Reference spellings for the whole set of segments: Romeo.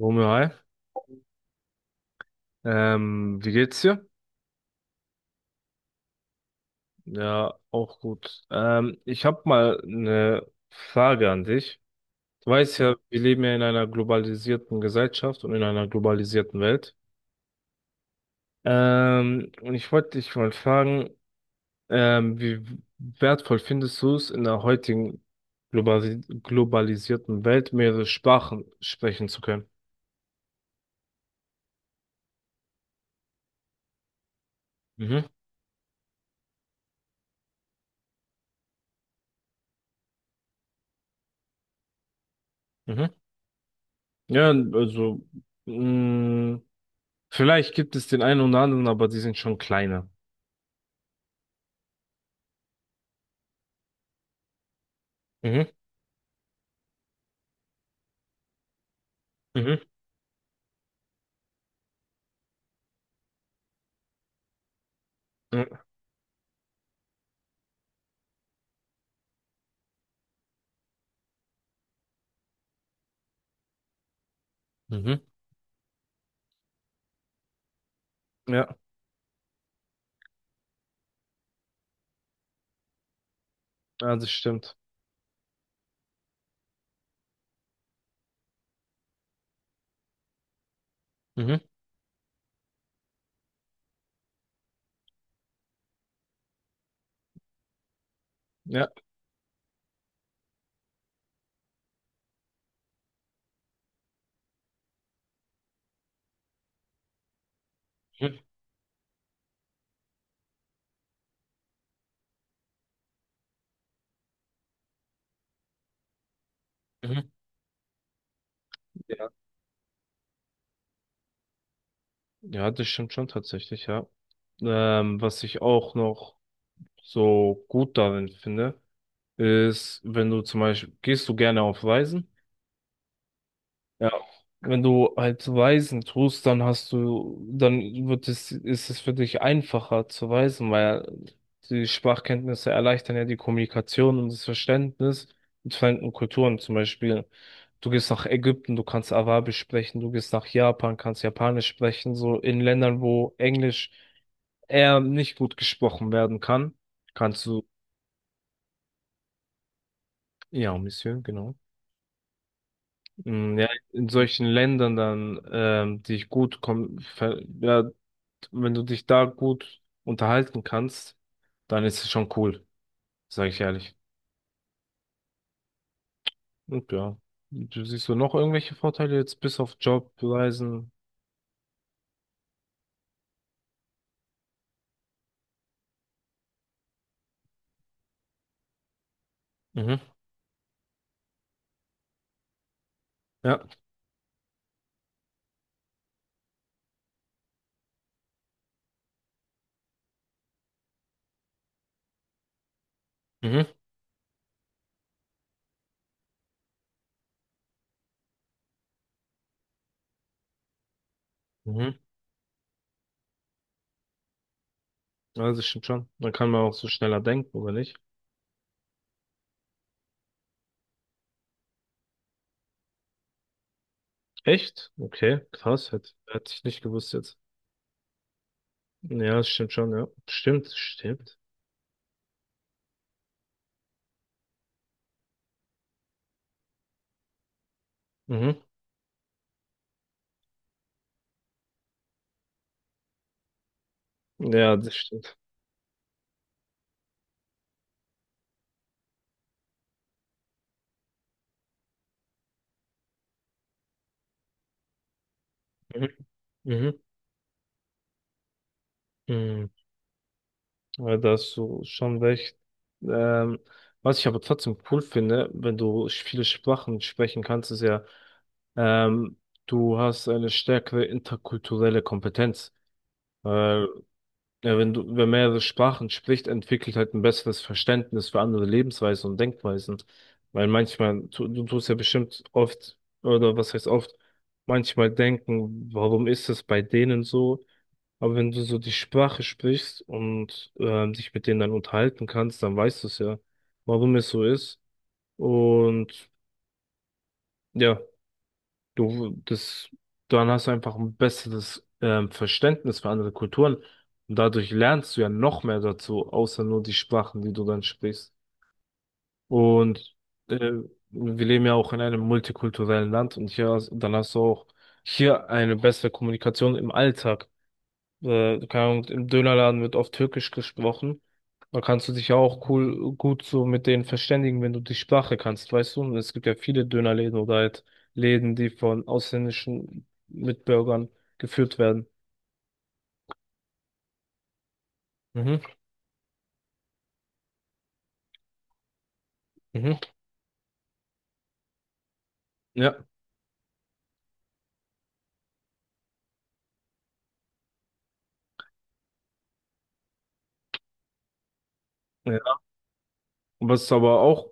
Romeo, hi. Wie geht's dir? Ja, auch gut. Ich habe mal eine Frage an dich. Du weißt ja, wir leben ja in einer globalisierten Gesellschaft und in einer globalisierten Welt. Und ich wollte dich mal fragen, wie wertvoll findest du es, in der heutigen globalisierten Welt mehrere Sprachen sprechen zu können? Mhm, mhm. Ja, also, mh, vielleicht gibt es den einen oder anderen, aber die sind schon kleiner. Mhm. Mhm. Mhm. Mhm. Ja, ja, das stimmt. Mhm. Ja, Mhm. Mhm. ja, ja, das stimmt schon tatsächlich, ja. Was ich auch noch so gut darin finde, ist, wenn du zum Beispiel, gehst du gerne auf Reisen? Ja, wenn du halt Weisen tust, dann wird es, ist es für dich einfacher zu weisen, weil die Sprachkenntnisse erleichtern ja die Kommunikation und das Verständnis mit fremden Kulturen. Zum Beispiel, du gehst nach Ägypten, du kannst Arabisch sprechen, du gehst nach Japan, kannst Japanisch sprechen, so in Ländern, wo Englisch eher nicht gut gesprochen werden kann, kannst du, ja, Monsieur, genau. Ja, in solchen Ländern dann, die gut kommen ja. Und wenn du dich da gut unterhalten kannst, dann ist es schon cool, sage ich ehrlich. Und ja, du siehst du noch irgendwelche Vorteile jetzt bis auf Job, Reisen? Mhm. Ja. Mhm. Mhm. Also stimmt schon. Dann kann man auch so schneller denken, oder nicht? Echt? Okay, krass, hätte ich nicht gewusst jetzt. Ja, das stimmt schon, ja. Stimmt, stimmt. Mhm. Ja, das stimmt. Mhm. Mhm. Mhm. Ja, da hast du schon recht. Ähm, Was ich aber trotzdem cool finde, wenn du viele Sprachen sprechen kannst, ist ja, ähm, du hast eine stärkere interkulturelle Kompetenz. Weil, ja, wenn du, wer mehrere Sprachen spricht, entwickelt halt ein besseres Verständnis für andere Lebensweisen und Denkweisen. Weil manchmal, du tust ja bestimmt oft, oder was heißt oft, manchmal denken, warum ist es bei denen so? Aber wenn du so die Sprache sprichst und dich mit denen dann unterhalten kannst, dann weißt du es ja, warum es so ist. Und ja, du das, dann hast du einfach ein besseres Verständnis für andere Kulturen. Und dadurch lernst du ja noch mehr dazu, außer nur die Sprachen, die du dann sprichst. Und äh, wir leben ja auch in einem multikulturellen Land und hier, dann hast du auch hier eine bessere Kommunikation im Alltag. Keine Ahnung, im Dönerladen wird oft Türkisch gesprochen. Da kannst du dich ja auch gut so mit denen verständigen, wenn du die Sprache kannst, weißt du? Und es gibt ja viele Dönerläden oder halt Läden, die von ausländischen Mitbürgern geführt werden. Mhm, mhm, ja. Ja. Was aber auch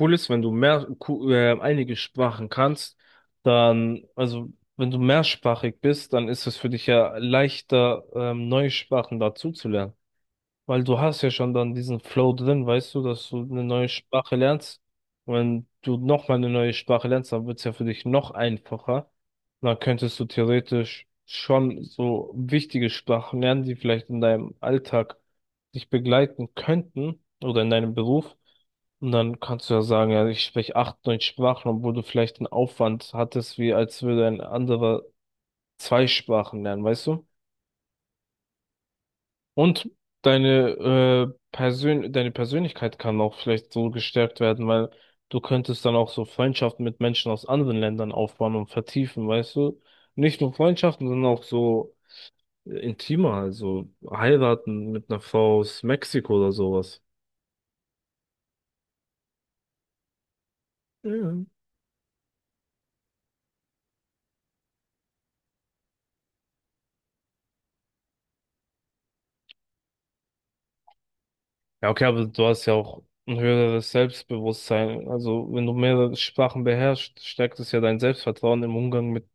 cool ist, wenn du einige Sprachen kannst, dann, also wenn du mehrsprachig bist, dann ist es für dich ja leichter, neue Sprachen dazuzulernen. Weil du hast ja schon dann diesen Flow drin, weißt du, dass du eine neue Sprache lernst. Wenn du nochmal eine neue Sprache lernst, dann wird es ja für dich noch einfacher. Dann könntest du theoretisch schon so wichtige Sprachen lernen, die vielleicht in deinem Alltag dich begleiten könnten oder in deinem Beruf. Und dann kannst du ja sagen, ja, ich spreche acht, neun Sprachen, obwohl du vielleicht einen Aufwand hattest, wie als würde ein anderer zwei Sprachen lernen, weißt du? Und deine, deine Persönlichkeit kann auch vielleicht so gestärkt werden, weil du könntest dann auch so Freundschaften mit Menschen aus anderen Ländern aufbauen und vertiefen, weißt du? Nicht nur Freundschaften, sondern auch so intimer, also heiraten mit einer Frau aus Mexiko oder sowas. Mhm. Ja, okay, aber du hast ja auch ein höheres Selbstbewusstsein. Also, wenn du mehrere Sprachen beherrschst, stärkt es ja dein Selbstvertrauen im Umgang mit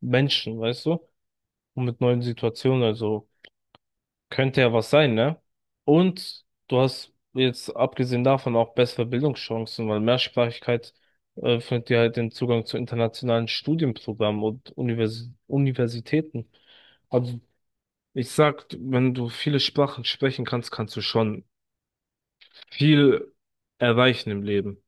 Menschen, weißt du? Und mit neuen Situationen. Also, könnte ja was sein, ne? Und du hast jetzt abgesehen davon auch bessere Bildungschancen, weil Mehrsprachigkeit öffnet dir halt den Zugang zu internationalen Studienprogrammen und Universitäten. Also ich sag, wenn du viele Sprachen sprechen kannst, kannst du schon viel erreichen im Leben.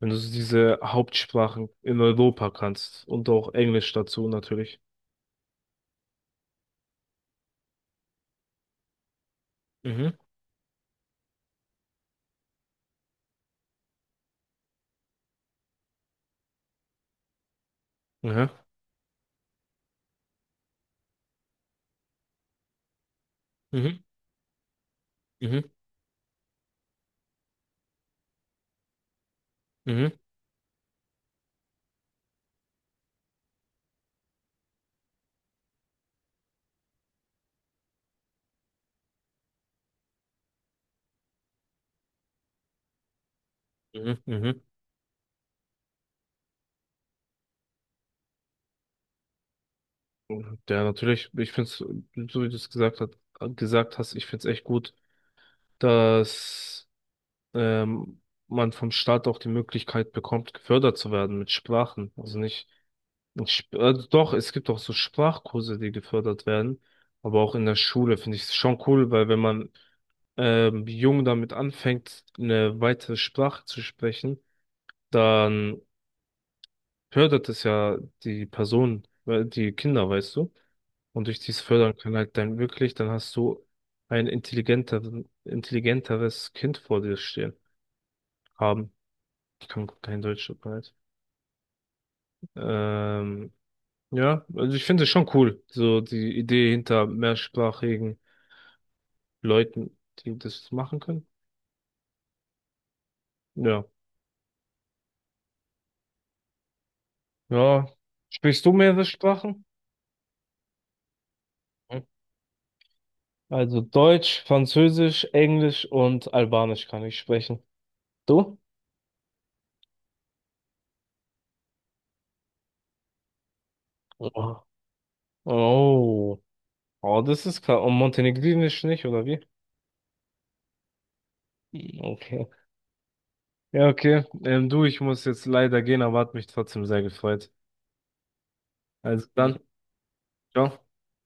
Wenn du so diese Hauptsprachen in Europa kannst und auch Englisch dazu natürlich. Mhm. Mhm. Mhm. Mhm. Mhm. Mhm. Mhm. Ja, natürlich, ich finde es, so wie du es gesagt hat, gesagt hast, ich finde es echt gut, dass ähm, man vom Staat auch die Möglichkeit bekommt, gefördert zu werden mit Sprachen. Also nicht, nicht doch, es gibt auch so Sprachkurse, die gefördert werden, aber auch in der Schule finde ich es schon cool, weil wenn man jung damit anfängt, eine weitere Sprache zu sprechen, dann fördert es ja die Person, die Kinder, weißt du? Und durch dieses Fördern kann halt dann wirklich, dann hast du intelligenteres Kind vor dir stehen haben. Ich kann kein Deutsch, tut mir leid. Ähm, ja, also ich finde es schon cool, so die Idee hinter mehrsprachigen Leuten, die das machen können. Ja. Ja. Sprichst du mehrere Sprachen? Hm. Also Deutsch, Französisch, Englisch und Albanisch kann ich sprechen. Du? Oh. Oh, oh, das ist klar. Und Montenegrinisch nicht, oder wie? Okay. Ja, okay. Du, ich muss jetzt leider gehen, aber hat mich trotzdem sehr gefreut. Also dann, ciao.